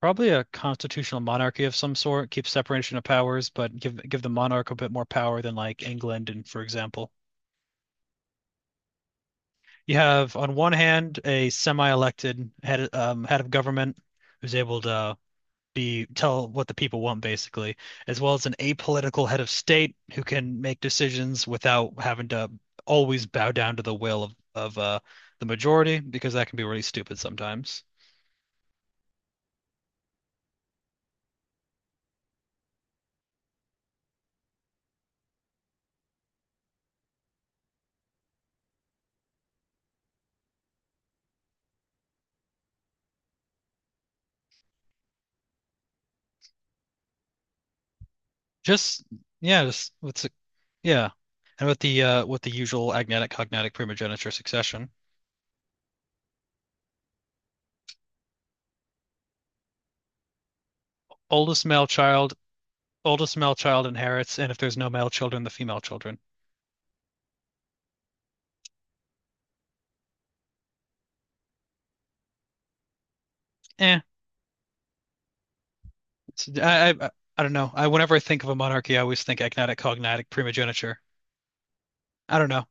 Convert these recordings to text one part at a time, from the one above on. Probably a constitutional monarchy of some sort. Keep separation of powers, but give the monarch a bit more power than like England and for example. You have on one hand a semi-elected head of government who's able to be tell what the people want, basically, as well as an apolitical head of state who can make decisions without having to always bow down to the will of the majority, because that can be really stupid sometimes. Just yeah, just what's it? Yeah, and with the usual agnatic, cognatic, primogeniture succession, oldest male child, oldest male child inherits, and if there's no male children, the female children. Eh, it's, I don't know. I whenever I think of a monarchy, I always think agnatic, cognatic, primogeniture. I don't know,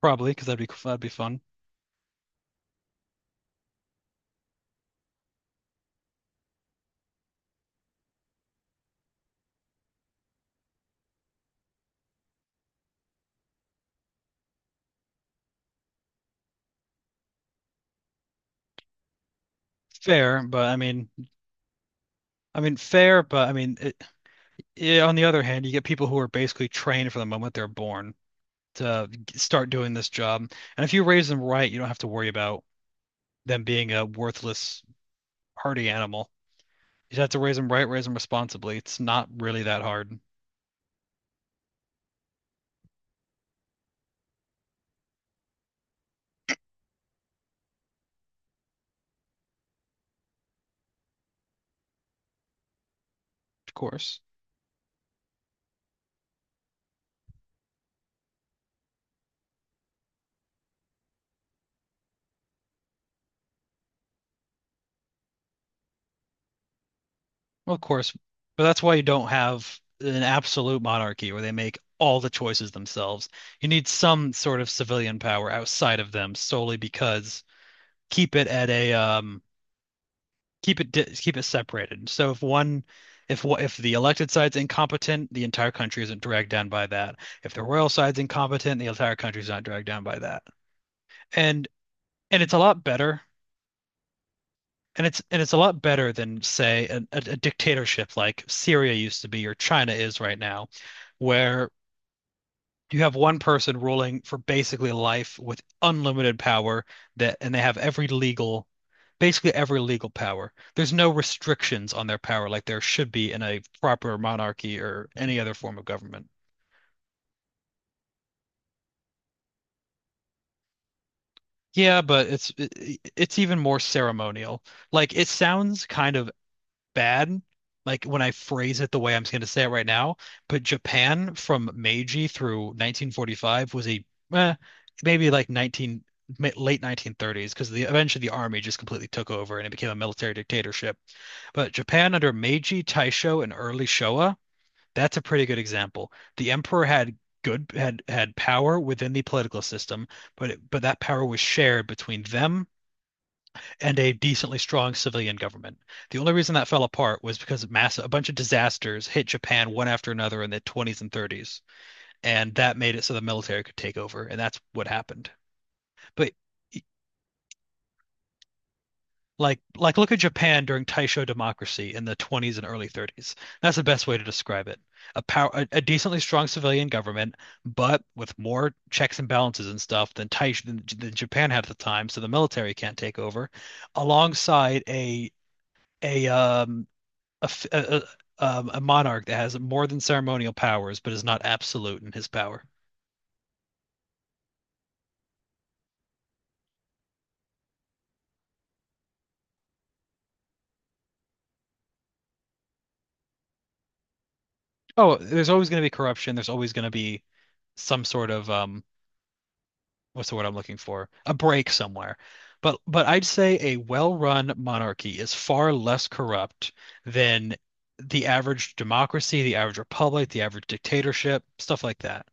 probably because that'd be fun. Fair, but I mean fair, but I mean, it, yeah, on the other hand, you get people who are basically trained from the moment they're born to start doing this job. And if you raise them right, you don't have to worry about them being a worthless hardy animal. You just have to raise them right, raise them responsibly. It's not really that hard, of course. Well, of course, but that's why you don't have an absolute monarchy where they make all the choices themselves. You need some sort of civilian power outside of them, solely because keep it at a keep it di keep it separated. So if one if if the elected side's incompetent, the entire country isn't dragged down by that. If the royal side's incompetent, the entire country's not dragged down by that. And And it's a lot better. And it's a lot better than, say, a dictatorship like Syria used to be or China is right now, where you have one person ruling for basically life with unlimited power that, and they have every legal, basically every legal power. There's no restrictions on their power like there should be in a proper monarchy or any other form of government. Yeah, but it's even more ceremonial. Like it sounds kind of bad, like when I phrase it the way I'm going to say it right now, but Japan from Meiji through 1945 was a eh, maybe like 19 ma- late 1930s, because the eventually the army just completely took over and it became a military dictatorship. But Japan under Meiji, Taisho, and early Showa, that's a pretty good example. The emperor had good had had power within the political system, but it, but that power was shared between them and a decently strong civilian government. The only reason that fell apart was because of massive, a bunch of disasters hit Japan one after another in the 20s and 30s, and that made it so the military could take over, and that's what happened. But like look at Japan during Taisho democracy in the 20s and early 30s. That's the best way to describe it. A power a decently strong civilian government, but with more checks and balances and stuff than Taisho than Japan had at the time, so the military can't take over, alongside a A a a monarch that has more than ceremonial powers, but is not absolute in his power. Oh, there's always going to be corruption. There's always going to be some sort of what's the word I'm looking for? A break somewhere. But I'd say a well-run monarchy is far less corrupt than the average democracy, the average republic, the average dictatorship, stuff like that.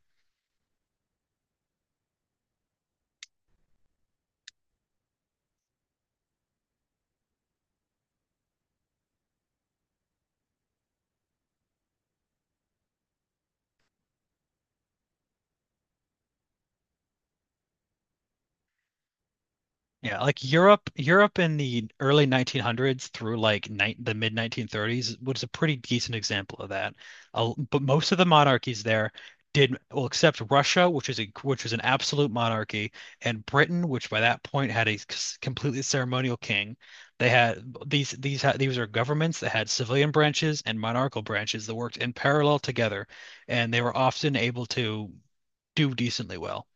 Yeah, like Europe in the early 1900s through like ni the mid 1930s was a pretty decent example of that. But most of the monarchies there did well, except Russia, which is a which was an absolute monarchy, and Britain, which by that point had a completely ceremonial king. They had these are governments that had civilian branches and monarchical branches that worked in parallel together, and they were often able to do decently well.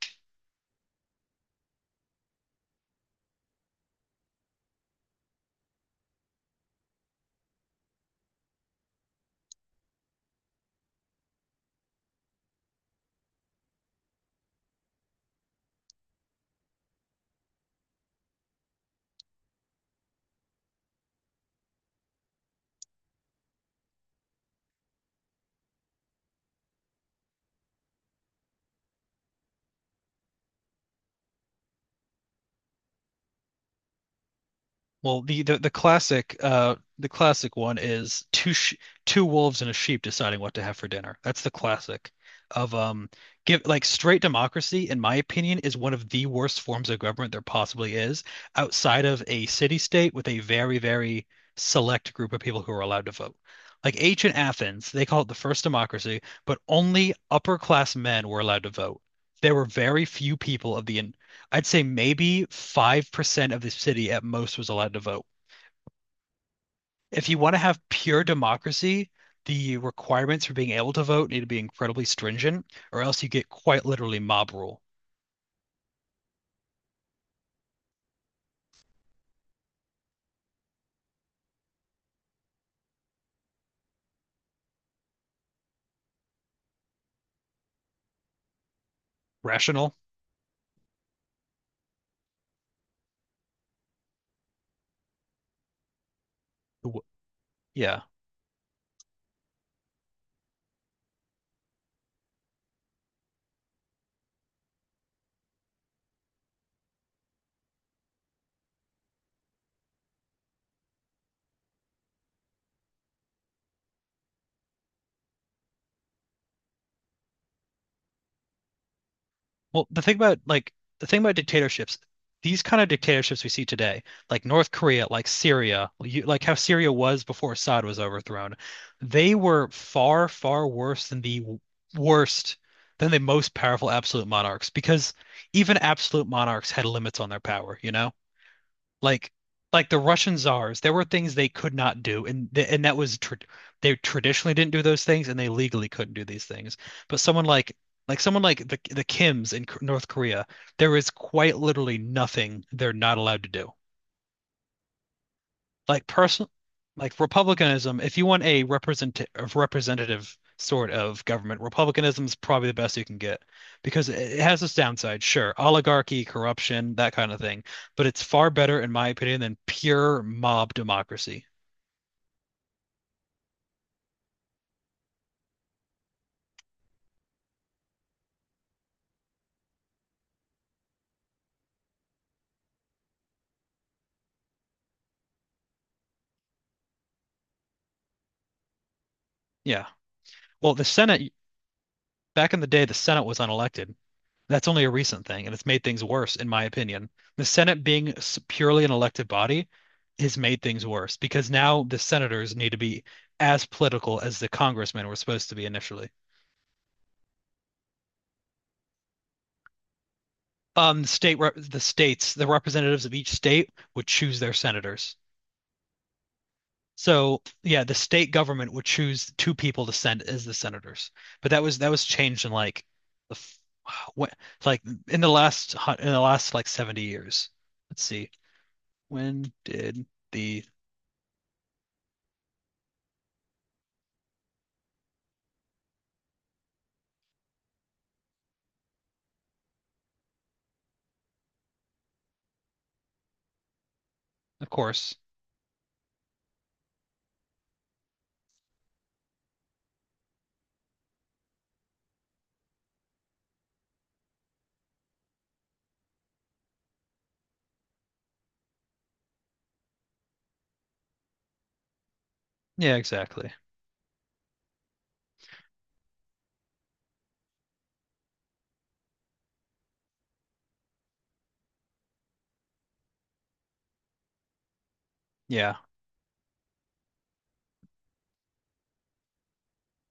Well, the classic the classic one is two sh two wolves and a sheep deciding what to have for dinner. That's the classic of give like straight democracy, in my opinion, is one of the worst forms of government there possibly is, outside of a city state with a very, very select group of people who are allowed to vote. Like ancient Athens, they call it the first democracy, but only upper class men were allowed to vote. There were very few people of the I'd say maybe 5% of the city at most was allowed to vote. If you want to have pure democracy, the requirements for being able to vote need to be incredibly stringent, or else you get quite literally mob rule. Rational? Yeah. Well, the thing about like the thing about dictatorships, these kind of dictatorships we see today, like North Korea, like Syria, you, like how Syria was before Assad was overthrown, they were far, far worse than the worst, than the most powerful absolute monarchs, because even absolute monarchs had limits on their power, you know? Like like the Russian czars, there were things they could not do, and th and that was tr they traditionally didn't do those things, and they legally couldn't do these things. But someone like someone like the Kims in North Korea, there is quite literally nothing they're not allowed to do like person like republicanism. If you want a represent a representative sort of government, republicanism is probably the best you can get, because it has its downside, sure, oligarchy, corruption, that kind of thing, but it's far better in my opinion than pure mob democracy. Yeah, well the Senate back in the day, the Senate was unelected. That's only a recent thing, and it's made things worse, in my opinion. The Senate being purely an elected body has made things worse because now the senators need to be as political as the congressmen were supposed to be initially. The state rep the states, the representatives of each state would choose their senators. So yeah, the state government would choose two people to send as the senators, but that was changed in like the what like in the last in the last like 70 years. Let's see. When did the of course. Yeah, exactly. Yeah.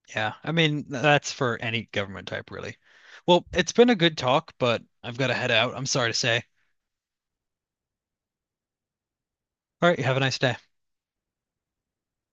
Yeah. I mean, that's for any government type, really. Well, it's been a good talk, but I've got to head out. I'm sorry to say. All right, you have a nice day.